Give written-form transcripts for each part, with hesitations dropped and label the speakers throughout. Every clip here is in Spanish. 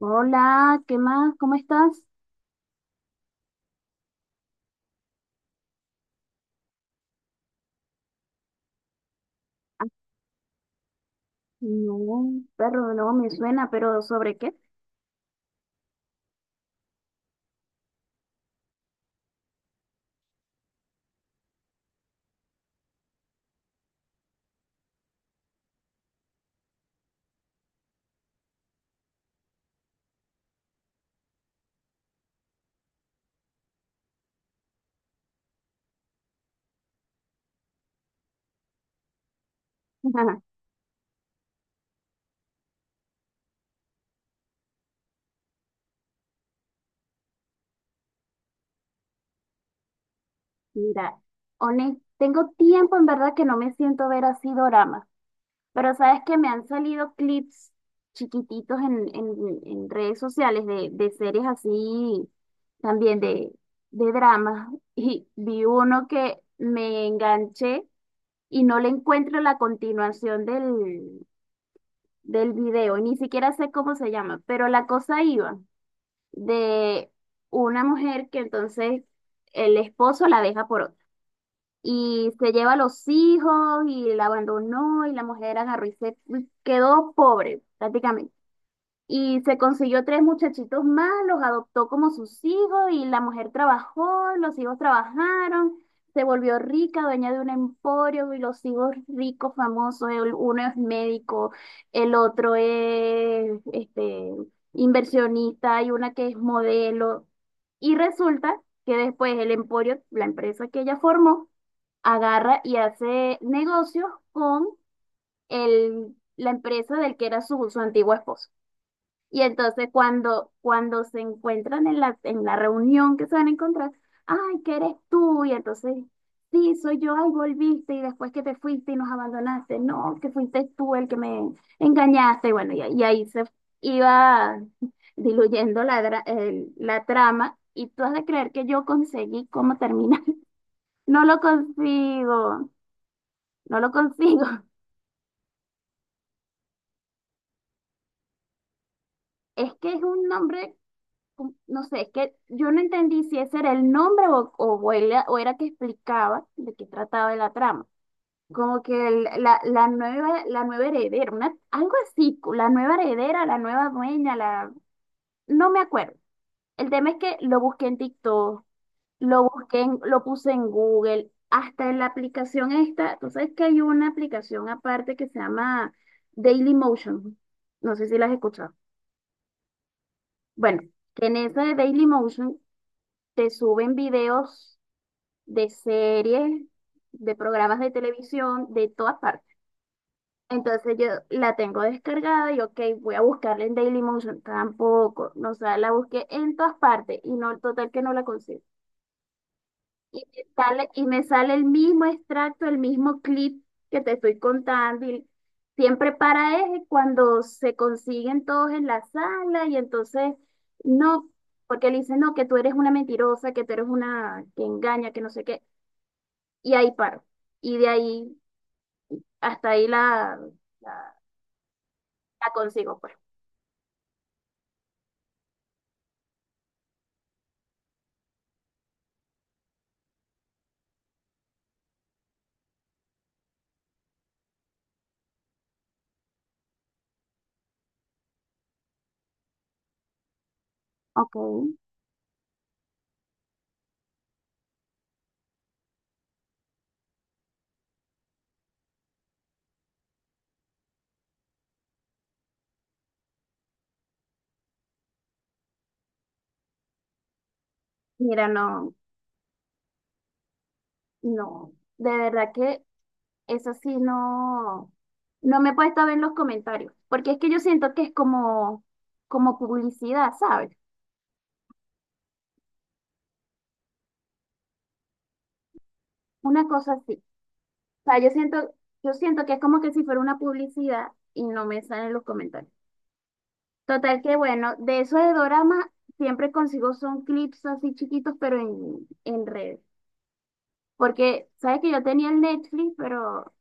Speaker 1: Hola, ¿qué más? ¿Cómo estás? Ah, no, perro, no me suena, pero ¿sobre qué? Mira, honest, tengo tiempo en verdad que no me siento a ver así doramas, pero sabes que me han salido clips chiquititos en redes sociales de series así también de dramas y vi uno que me enganché y no le encuentro la continuación del video, y ni siquiera sé cómo se llama, pero la cosa iba de una mujer que entonces el esposo la deja por otra y se lleva a los hijos y la abandonó y la mujer agarró y se quedó pobre prácticamente. Y se consiguió tres muchachitos más, los adoptó como sus hijos y la mujer trabajó, los hijos trabajaron, se volvió rica, dueña de un emporio y los hijos ricos, famosos, uno es médico, el otro es este, inversionista y una que es modelo. Y resulta que después el emporio, la empresa que ella formó, agarra y hace negocios con el, la empresa del que era su antiguo esposo. Y entonces cuando se encuentran en en la reunión que se van a encontrar, ay, ¿qué eres tú? Y entonces, sí, soy yo, ay, volviste y después que te fuiste y nos abandonaste, no, que fuiste tú el que me engañaste. Y bueno, y ahí se iba diluyendo la trama y tú has de creer que yo conseguí cómo terminar. No lo consigo, no lo consigo. Es que es un nombre no sé, que yo no entendí si ese era el nombre o era que explicaba de qué trataba la trama. Como que la nueva heredera, una, algo así, cu- la nueva heredera, la nueva dueña, no me acuerdo. El tema es que lo busqué en TikTok, lo puse en Google, hasta en la aplicación esta, tú sabes que hay una aplicación aparte que se llama Dailymotion. No sé si la has escuchado. Bueno, que en esa de Dailymotion te suben videos de series, de programas de televisión, de todas partes. Entonces yo la tengo descargada y ok, voy a buscarla en Dailymotion, tampoco, no, o sea, la busqué en todas partes y no, total que no la consigo. Y me sale el mismo extracto, el mismo clip que te estoy contando y siempre para es cuando se consiguen todos en la sala y entonces no, porque le dicen, no, que tú eres una mentirosa, que tú eres una que engaña, que no sé qué. Y ahí paro. Y de ahí hasta ahí la, la consigo, pues. Ok. Mira, no, no, de verdad que eso sí no, no me he puesto a ver los comentarios, porque es que yo siento que es como, como publicidad, ¿sabes? Una cosa así. O sea, yo siento que es como que si fuera una publicidad y no me salen los comentarios. Total que bueno, de eso de dorama siempre consigo son clips así chiquitos, pero en redes. Porque sabes que yo tenía el Netflix, pero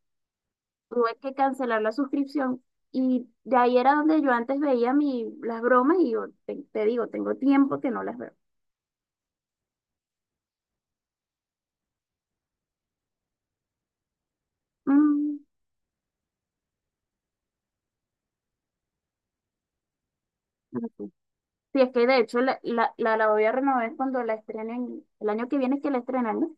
Speaker 1: tuve que cancelar la suscripción. Y de ahí era donde yo antes veía mi, las bromas y yo te digo, tengo tiempo que no las veo. Mm, ok. Sí, es que de hecho la voy a renovar cuando la estrenen, el año que viene es que la estrenan, ¿no?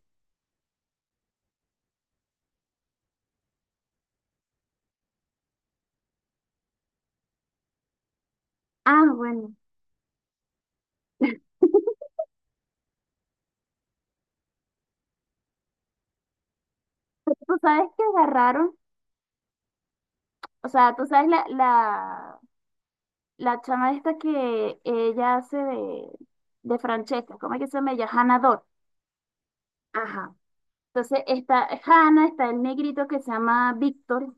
Speaker 1: Ah, bueno. Tú sabes que agarraron, o sea, tú sabes la chama esta que ella hace de Francesca, ¿cómo es que se llama ella? Hannah Dot. Ajá. Entonces está Hannah, está el negrito que se llama Víctor.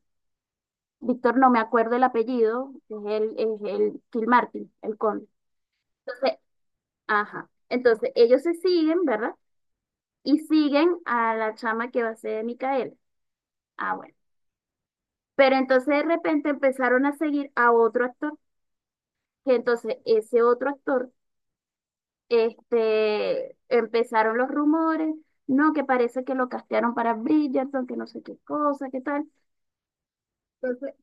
Speaker 1: Víctor, no me acuerdo el apellido, es es el Phil Martin el conde. Entonces, ajá. Entonces, ellos se siguen, ¿verdad? Y siguen a la chama que va a ser Micaela. Ah, bueno. Pero entonces de repente empezaron a seguir a otro actor, que entonces ese otro actor, este, empezaron los rumores, no, que parece que lo castearon para Bridgerton, que no sé qué cosa, qué tal. Entonces,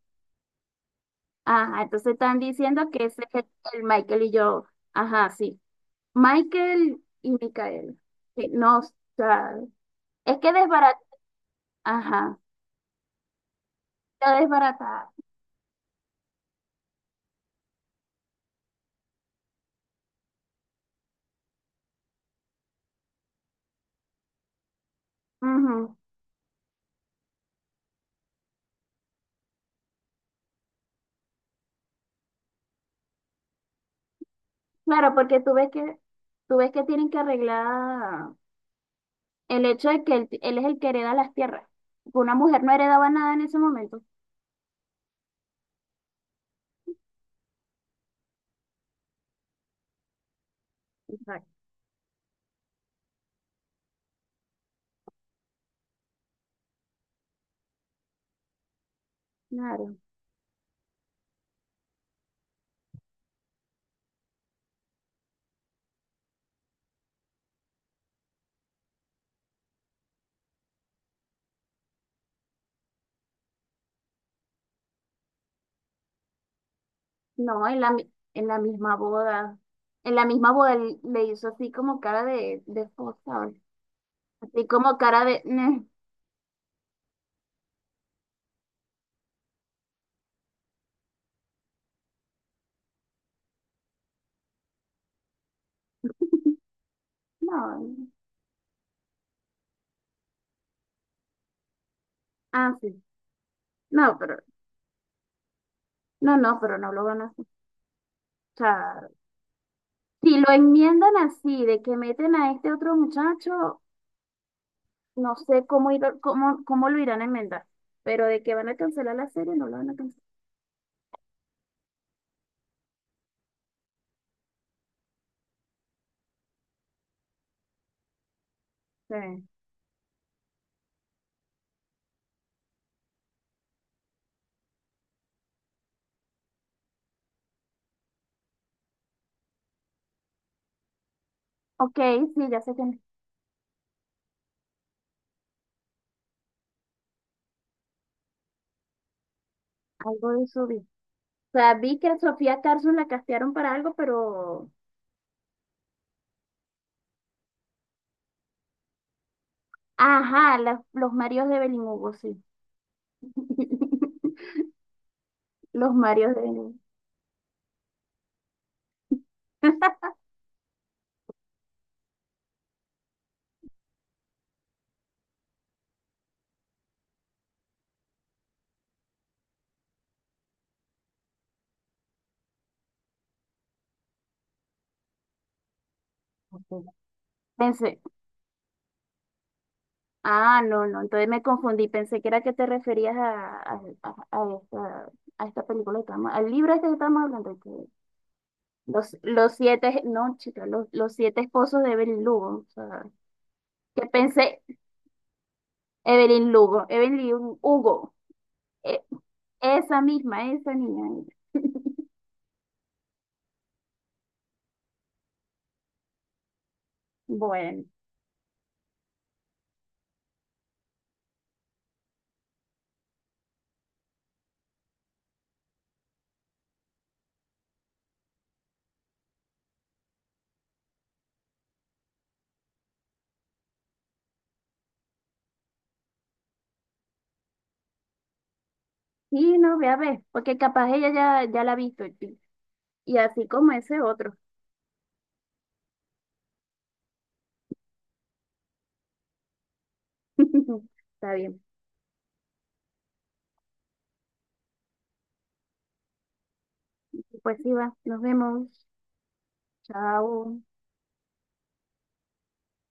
Speaker 1: ajá, entonces están diciendo que ese es el Michael y yo, ajá, sí. Michael y Micael. Sí, no, o sea, es que desbarata, ajá, está desbaratada. Ujú. Claro, porque tú ves que tienen que arreglar el hecho de que él es el que hereda las tierras. Una mujer no heredaba nada en ese momento. Exacto. Claro. No, en en la misma boda. En la misma boda él le hizo así como cara de esposa, ¿sabes? Así como cara de... "Neh". No, ah, sí. No, pero, no, no, pero no lo van a escuchar. Si lo enmiendan así, de que meten a este otro muchacho, no sé cómo, cómo lo irán a enmendar. Pero de que van a cancelar la serie, no lo van a cancelar. Sí. Ok, sí, ya sé que algo de eso vi. O sea, vi que a Sofía Carson la castearon para algo, pero. Ajá, los Marios de Belín Hugo, sí. Los Marios de Belín Hugo. Ah, no, no, entonces me confundí, pensé que era que te referías a esta película que estamos, al libro este que estamos hablando, que los siete, no, chica, los siete esposos de Evelyn Lugo, o sea, que pensé, Evelyn Lugo, Evelyn Hugo, e- esa misma, esa niña, bueno, sí, no, voy a ver, porque capaz ella ya la ha visto, y así como ese otro, está bien, pues sí va, nos vemos, chao.